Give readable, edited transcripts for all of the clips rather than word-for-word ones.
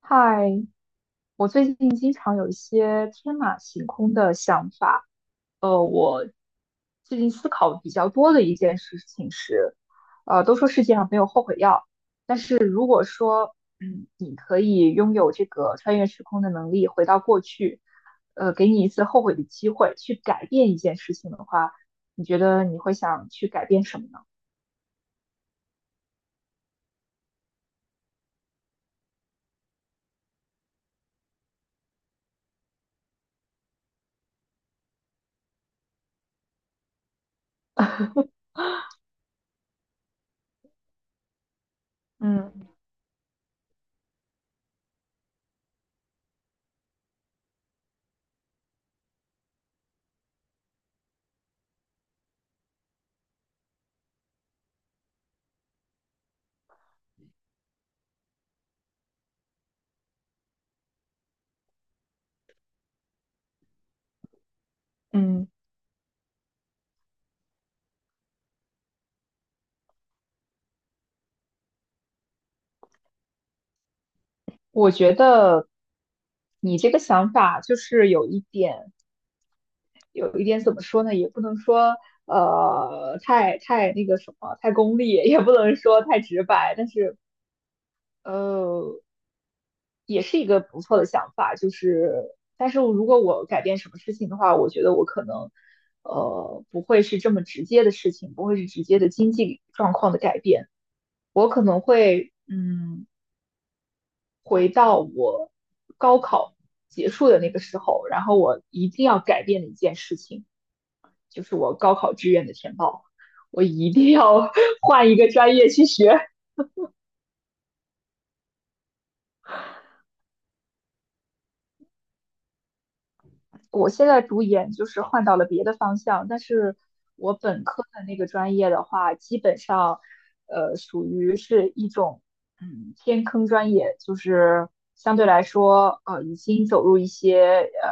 嗨，我最近经常有一些天马行空的想法。我最近思考比较多的一件事情是，都说世界上没有后悔药，但是如果说，你可以拥有这个穿越时空的能力，回到过去，给你一次后悔的机会，去改变一件事情的话，你觉得你会想去改变什么呢？嗯嗯，我觉得你这个想法就是有一点。有一点怎么说呢，也不能说太那个什么太功利，也不能说太直白，但是呃也是一个不错的想法。就是但是如果我改变什么事情的话，我觉得我可能不会是这么直接的事情，不会是直接的经济状况的改变，我可能会回到我高考结束的那个时候，然后我一定要改变的一件事情。就是我高考志愿的填报，我一定要 换一个专业去学。我现在读研就是换到了别的方向，但是我本科的那个专业的话，基本上，属于是一种偏坑专业，就是相对来说，已经走入一些呃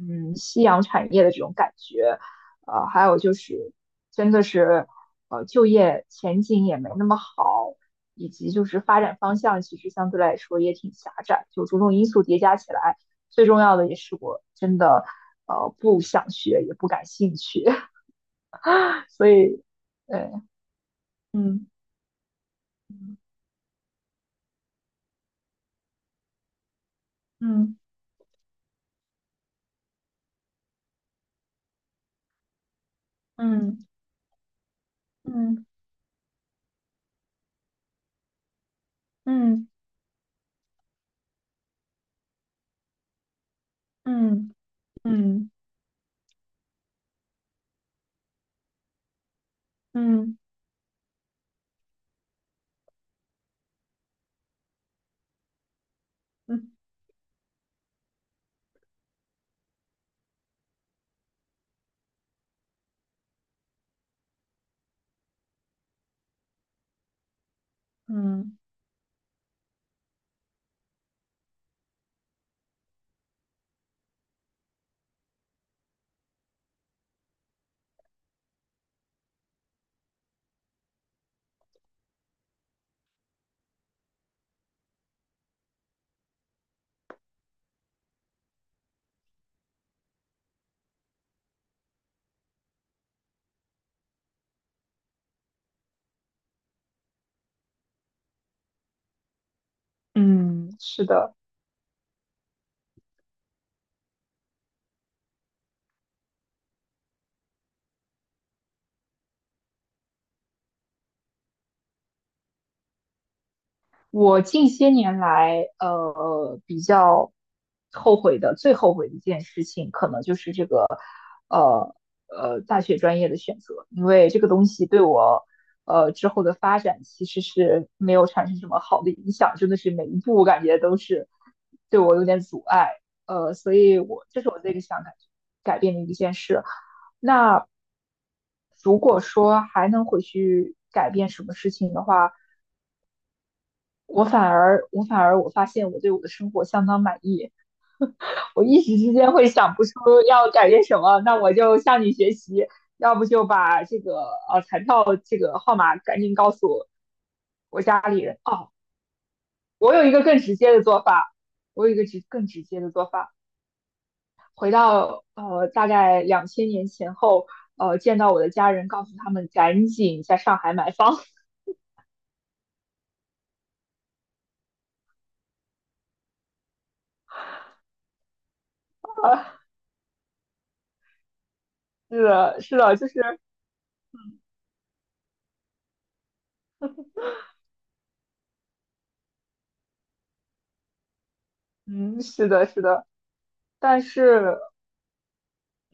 嗯夕阳产业的这种感觉。还有就是真的是就业前景也没那么好，以及就是发展方向其实相对来说也挺狭窄，就种种因素叠加起来。最重要的也是我真的不想学，也不感兴趣，所以对，嗯嗯嗯嗯嗯嗯嗯嗯嗯嗯嗯，是的。我近些年来，比较后悔的，最后悔的一件事情，可能就是这个，呃大学专业的选择。因为这个东西对我之后的发展其实是没有产生什么好的影响，真的是每一步我感觉都是对我有点阻碍。所以我这是我最想改变的一件事。那如果说还能回去改变什么事情的话，我反而我反而我发现我对我的生活相当满意，我一时之间会想不出要改变什么，那我就向你学习，要不就把这个彩票这个号码赶紧告诉我家里人。哦，我有一个更直接的做法，我有一个更直接的做法，回到大概2000年前后，见到我的家人，告诉他们赶紧在上海买房。是的，是的，就是嗯，是的，是的，但是。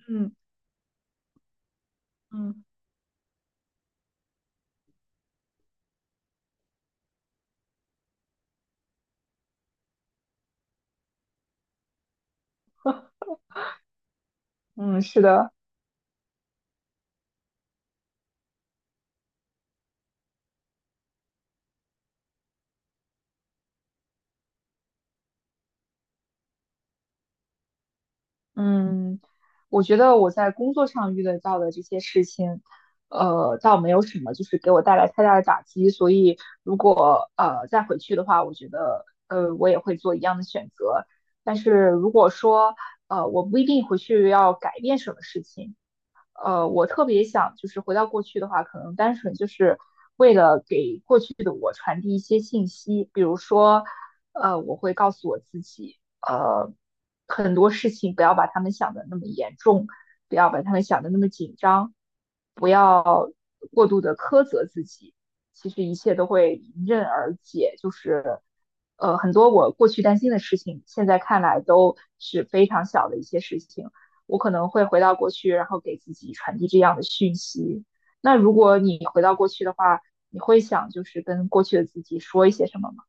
嗯，嗯嗯，是的，嗯，我觉得我在工作上遇得到的这些事情，倒没有什么，就是给我带来太大的打击，所以如果再回去的话，我觉得我也会做一样的选择。但是如果说我不一定回去要改变什么事情，我特别想就是回到过去的话，可能单纯就是为了给过去的我传递一些信息。比如说，我会告诉我自己，很多事情不要把他们想的那么严重，不要把他们想的那么紧张，不要过度的苛责自己，其实一切都会迎刃而解，就是。很多我过去担心的事情，现在看来都是非常小的一些事情，我可能会回到过去，然后给自己传递这样的讯息。那如果你回到过去的话，你会想就是跟过去的自己说一些什么吗？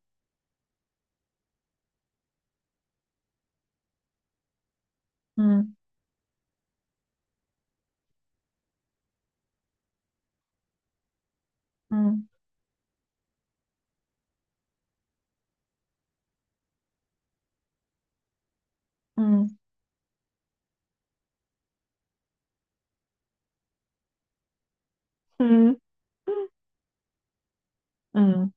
嗯嗯嗯嗯嗯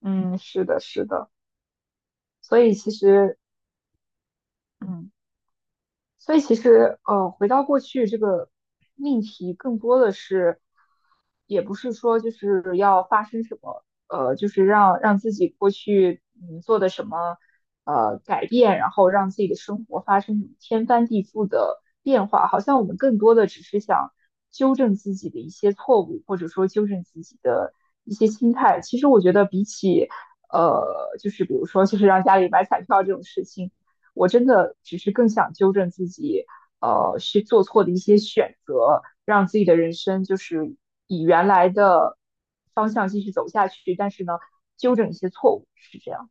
嗯，是的，是的。所以其实，嗯，所以其实，回到过去这个命题更多的是也不是说就是要发生什么，就是让自己过去做的什么改变，然后让自己的生活发生什么天翻地覆的变化，好像我们更多的只是想纠正自己的一些错误，或者说纠正自己的一些心态。其实我觉得比起呃，就是比如说就是让家里买彩票这种事情，我真的只是更想纠正自己去做错的一些选择，让自己的人生就是以原来的方向继续走下去。但是呢，纠正一些错误是这样。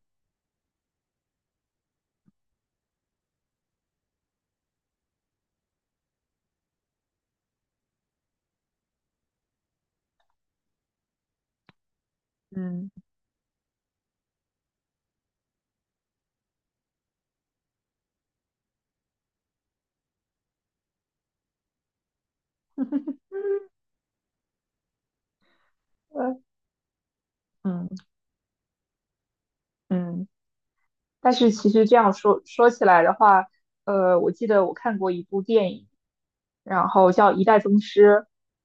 嗯对，嗯嗯。但是其实这样说起来的话，我记得我看过一部电影，然后叫《一代宗师》，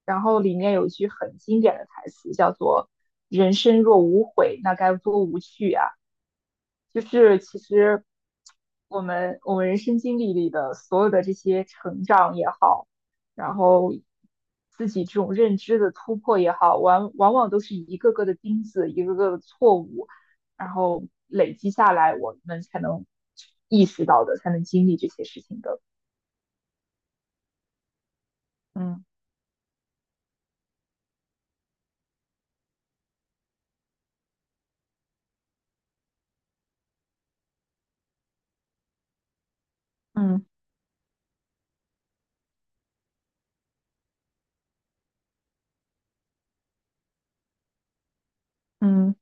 然后里面有一句很经典的台词，叫做"人生若无悔，那该多无趣啊"。就是其实我们人生经历里的所有的这些成长也好，然后自己这种认知的突破也好，往往都是一个个的钉子，一个个的错误，然后累积下来，我们才能意识到的，才能经历这些事情的。嗯嗯嗯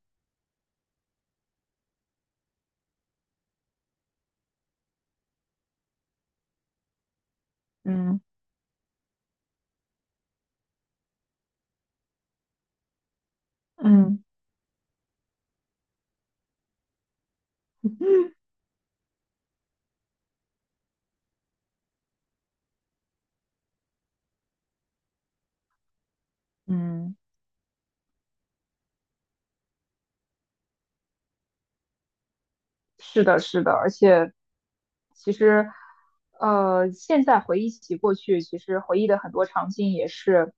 嗯嗯嗯。是的，是的。而且其实，现在回忆起过去，其实回忆的很多场景也是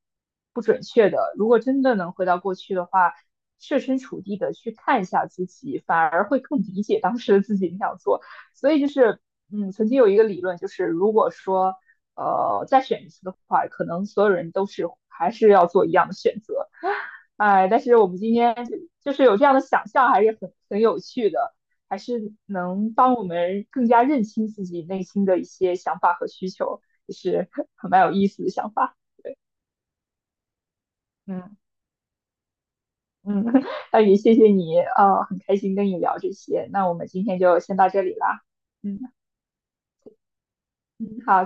不准确的。如果真的能回到过去的话，设身处地的去看一下自己，反而会更理解当时的自己那样做。所以就是，曾经有一个理论，就是如果说，再选一次的话，可能所有人都是还是要做一样的选择。哎，但是我们今天就是有这样的想象，还是很有趣的，还是能帮我们更加认清自己内心的一些想法和需求，也是很蛮有意思的想法。对，嗯嗯，那也谢谢你，很开心跟你聊这些。那我们今天就先到这里啦。嗯嗯，好。